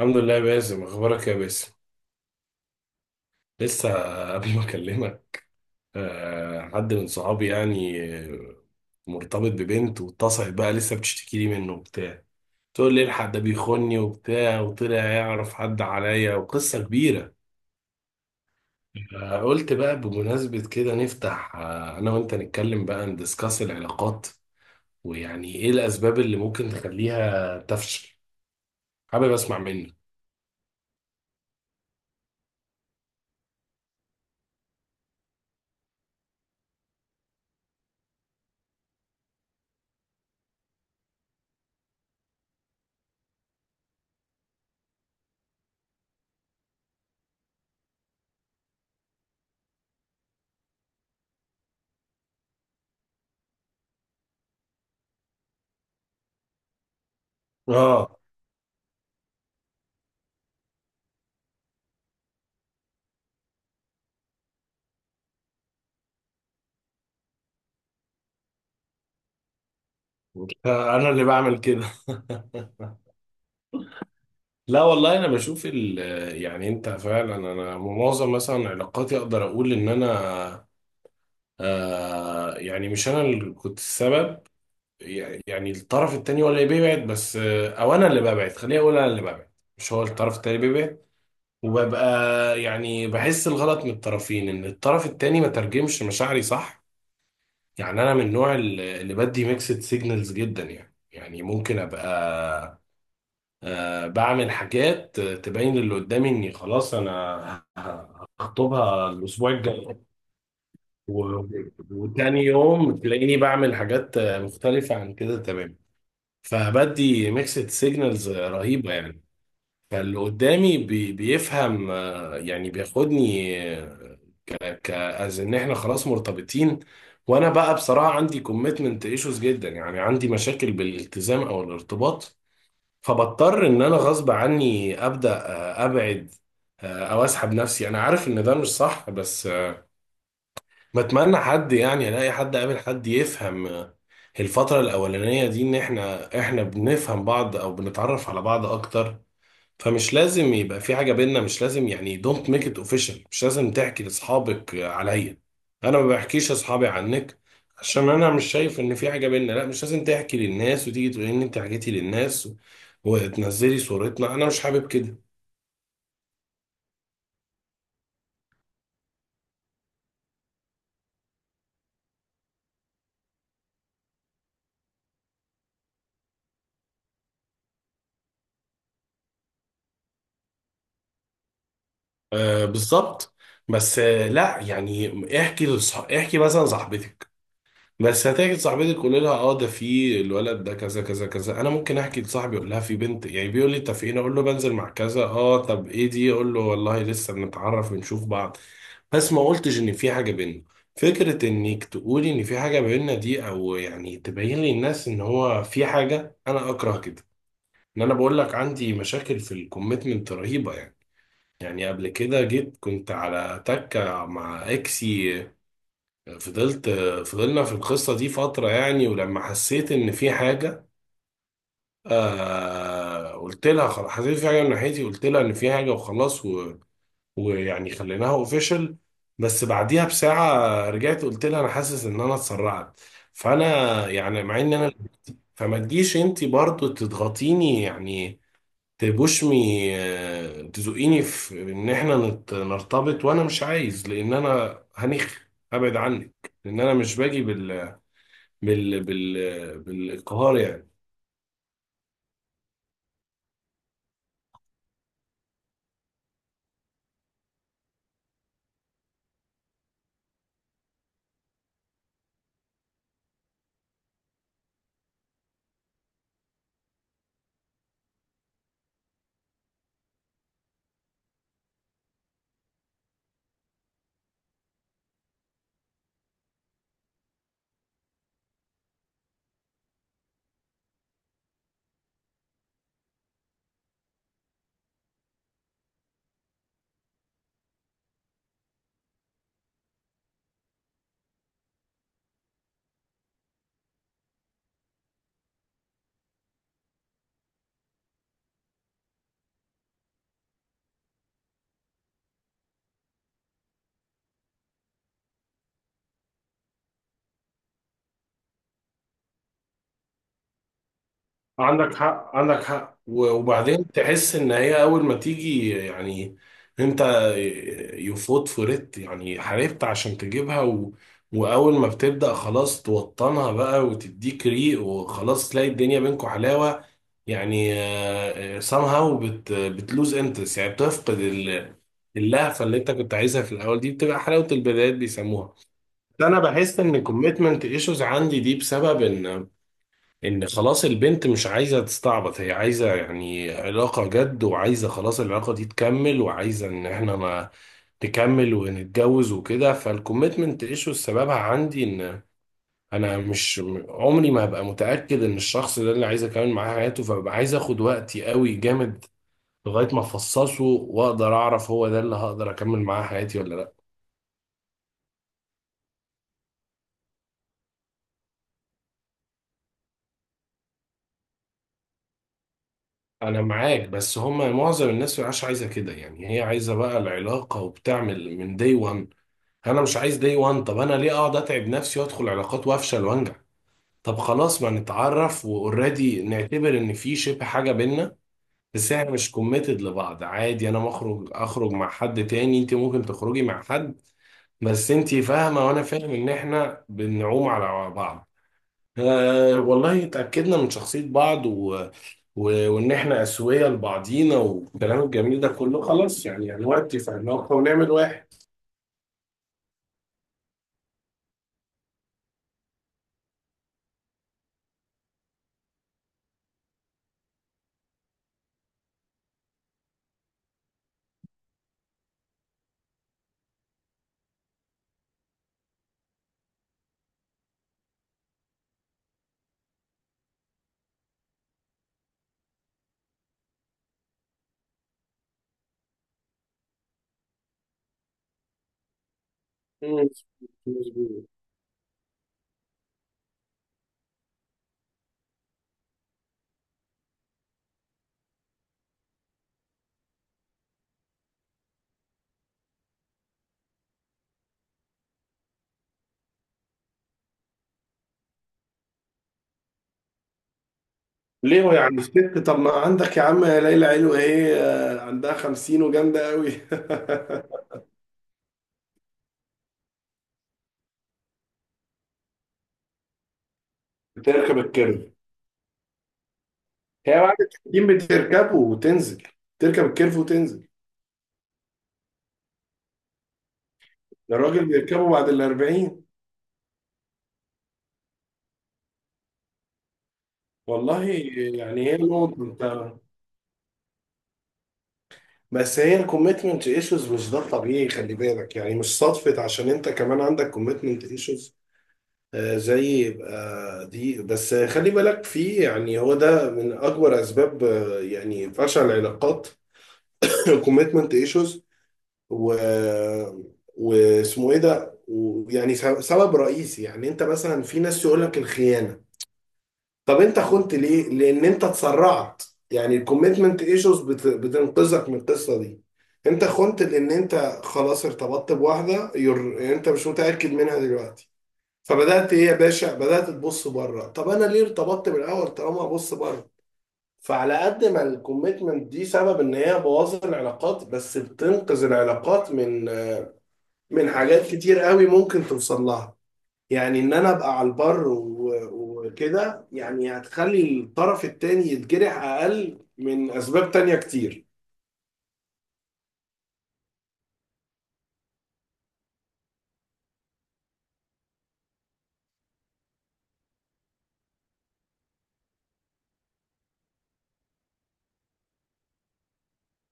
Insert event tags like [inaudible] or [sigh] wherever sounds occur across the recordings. الحمد لله يا باسم، اخبارك يا باسم؟ لسه قبل ما اكلمك، حد من صحابي يعني، مرتبط ببنت واتصلت بقى لسه بتشتكي لي منه وبتاع. تقول لي الحق ده بيخوني وبتاع، وطلع يعرف حد عليا وقصة كبيرة. قلت بقى بمناسبة كده نفتح، انا وانت نتكلم بقى ندسكاس العلاقات، ويعني ايه الاسباب اللي ممكن تخليها تفشل. حابب اسمع منك. اه، انا اللي بعمل كده. [laughs] لا والله انا بشوف ال، يعني انت فعلا. انا معظم مثلا علاقاتي اقدر اقول ان انا، آه يعني مش انا اللي كنت السبب. يعني الطرف التاني هو اللي بيبعد، بس او انا اللي ببعد، خليني اقول انا اللي ببعد، مش هو الطرف التاني اللي بيبعد. وببقى يعني بحس الغلط من الطرفين، ان الطرف التاني ما ترجمش مشاعري صح. يعني انا من النوع اللي بدي ميكسد سيجنالز جدا يعني. يعني ممكن ابقى بعمل حاجات تبين اللي قدامي اني خلاص انا هخطبها الاسبوع الجاي، و- وتاني يوم تلاقيني بعمل حاجات مختلفة عن كده تمام. فبدي ميكسد سيجنالز رهيبة يعني. فاللي قدامي بيفهم يعني بياخدني، آه، ك as ان احنا خلاص مرتبطين. وانا بقى بصراحة عندي كوميتمنت ايشوز جدا، يعني عندي مشاكل بالالتزام او الارتباط. فبضطر ان انا غصب عني ابدا ابعد، او اسحب نفسي. انا عارف ان ده مش صح بس، بتمنى حد يعني، الاقي حد، قابل حد يفهم الفترة الأولانية دي. إن إحنا بنفهم بعض أو بنتعرف على بعض أكتر. فمش لازم يبقى في حاجة بينا، مش لازم يعني دونت ميك ات اوفيشال. مش لازم تحكي لاصحابك عليا، انا ما بحكيش لاصحابي عنك، عشان انا مش شايف ان في حاجة بينا. لا مش لازم تحكي للناس وتيجي تقولي ان انت حكيتي للناس وتنزلي صورتنا، انا مش حابب كده. آه بالظبط. بس لا يعني، احكي مثلا صاحبتك. بس هتيجي صاحبتك قولي لها اه ده في الولد ده كذا كذا كذا. انا ممكن احكي لصاحبي اقول لها في بنت، يعني بيقول لي انت فين، اقول له بنزل مع كذا، اه طب ايه دي، اقول له والله لسه بنتعرف بنشوف بعض، بس ما قلتش ان في حاجه بينا. فكره انك تقولي ان في حاجه بينا دي، او يعني تبين للناس ان هو في حاجه، انا اكره كده. ان انا بقول لك عندي مشاكل في الكوميتمنت رهيبه يعني. يعني قبل كده جيت، كنت على تكه مع اكسي. فضلت فضلنا في القصة دي فترة يعني، ولما حسيت إن في حاجة آه، قلت لها خلاص حسيت في حاجة من ناحيتي، قلت لها إن في حاجة وخلاص، ويعني خليناها أوفيشال. بس بعديها بساعة رجعت قلت لها أنا حاسس إن أنا اتسرعت. فأنا يعني مع إن أنا، فما تجيش أنت برضو تضغطيني يعني، تبوشمي تزقيني في إن إحنا نرتبط. وأنا مش عايز، لأن أنا أبعد عنك، لأن أنا مش باجي بالانقهار يعني. عندك حق، وبعدين تحس ان هي اول ما تيجي يعني، انت يفوت فريت يعني، حاربت عشان تجيبها واول ما بتبدأ خلاص توطنها بقى وتديك ريق، وخلاص تلاقي الدنيا بينكم حلاوة. يعني somehow بتلوز انترست، يعني بتفقد اللهفة اللي انت كنت عايزها في الاول دي، بتبقى حلاوة البدايات بيسموها. انا بحس ان الكوميتمنت ايشوز عندي دي بسبب ان، ان خلاص البنت مش عايزة تستعبط، هي عايزة يعني علاقة جد، وعايزة خلاص العلاقة دي تكمل، وعايزة ان احنا ما تكمل ونتجوز وكده. فالكوميتمنت ايشو سببها عندي ان انا مش، عمري ما هبقى متأكد ان الشخص ده اللي عايز اكمل معاه حياته. فببقى عايز اخد وقتي قوي جامد لغاية ما افصصه واقدر اعرف هو ده اللي هقدر اكمل معاه حياتي ولا لا. انا معاك، بس هما معظم الناس مش عايزه كده يعني. هي عايزه بقى العلاقه وبتعمل من دي 1. انا مش عايز دي 1. طب انا ليه اقعد اتعب نفسي وادخل علاقات وافشل وانجح؟ طب خلاص ما نتعرف واوريدي نعتبر ان في شبه حاجه بينا، بس احنا مش كوميتد لبعض. عادي انا مخرج اخرج مع حد تاني، انت ممكن تخرجي مع حد، بس انت فاهمه وانا فاهم ان احنا بنعوم على بعض. أه والله اتأكدنا من شخصية بعض وإن إحنا أسوية لبعضينا والكلام الجميل ده كله، خلاص يعني دلوقتي اتفقنا ونعمل واحد. مم. مظبوط. ليه يعني الست؟ طب ما عندك يا عم يا ليلى علو إيه، عندها خمسين وجامدة أوي. [laughs] بتركب الكيرف. هي بعد التحكيم بتركبه وتنزل، تركب الكيرف وتنزل. الراجل بيركبه بعد الأربعين. والله يعني هي نقطة أنت. بس هي الكوميتمنت ايشوز مش ده الطبيعي، خلي بالك، يعني مش صدفة عشان انت كمان عندك كوميتمنت ايشوز زي دي. بس خلي بالك، في يعني هو ده من اكبر اسباب يعني فشل العلاقات. [coughs] [clears throat] كوميتمنت ايشوز، و واسمه ايه ده ويعني، سبب رئيسي يعني. انت مثلا في ناس يقول لك الخيانة. طب انت خنت ليه؟ لان انت اتسرعت. يعني الكوميتمنت ايشوز بتنقذك من القصه دي. انت خنت لان انت خلاص ارتبطت بواحده، انت مش متاكد منها دلوقتي. فبدات ايه يا باشا، بدات تبص بره. طب انا ليه ارتبطت بالاول طالما ابص بره؟ فعلى قد ما الكوميتمنت دي سبب ان هي بوظت العلاقات، بس بتنقذ العلاقات من، من حاجات كتير قوي ممكن توصل لها. يعني ان انا ابقى على البر وكده، يعني هتخلي الطرف التاني يتجرح اقل من اسباب تانية كتير.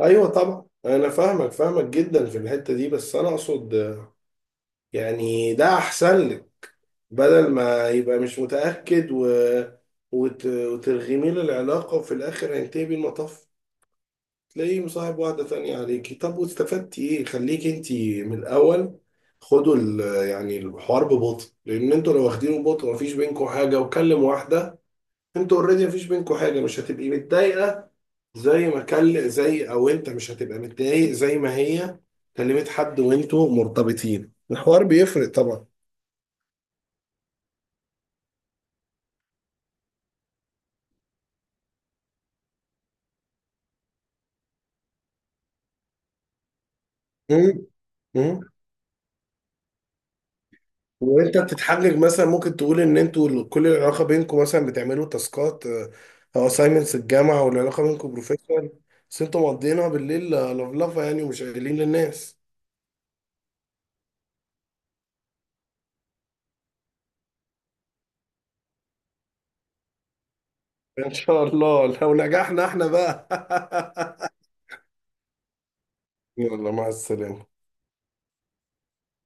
ايوه طبعا انا فاهمك جدا في الحتة دي، بس انا اقصد يعني ده احسن لك. بدل ما يبقى مش متأكد وترغمي له العلاقة، وفي الاخر هينتهي بالمطاف تلاقيه مصاحب واحدة تانية عليكي. طب واستفدتي ايه؟ خليكي انتي من الأول يعني الحوار ببطء، لأن انتوا لو واخدينه ببطء مفيش بينكوا حاجة وكلم واحدة. انتوا اوريدي مفيش بينكوا حاجة، مش هتبقي متضايقة زي ما كل، زي، أو انت مش هتبقى متضايق زي ما هي كلمت حد وانتوا مرتبطين. الحوار بيفرق طبعا. مم. مم. وانت بتتحجج مثلا، ممكن تقول ان انتوا كل العلاقه بينكم مثلا بتعملوا تاسكات او اساينمنتس الجامعه، والعلاقه بينكم بروفيشنال. بس انتوا مقضيينها بالليل لفلفه يعني، ومش قايلين للناس. ان شاء الله لو نجحنا احنا بقى. [laughs] يلا مع السلامه.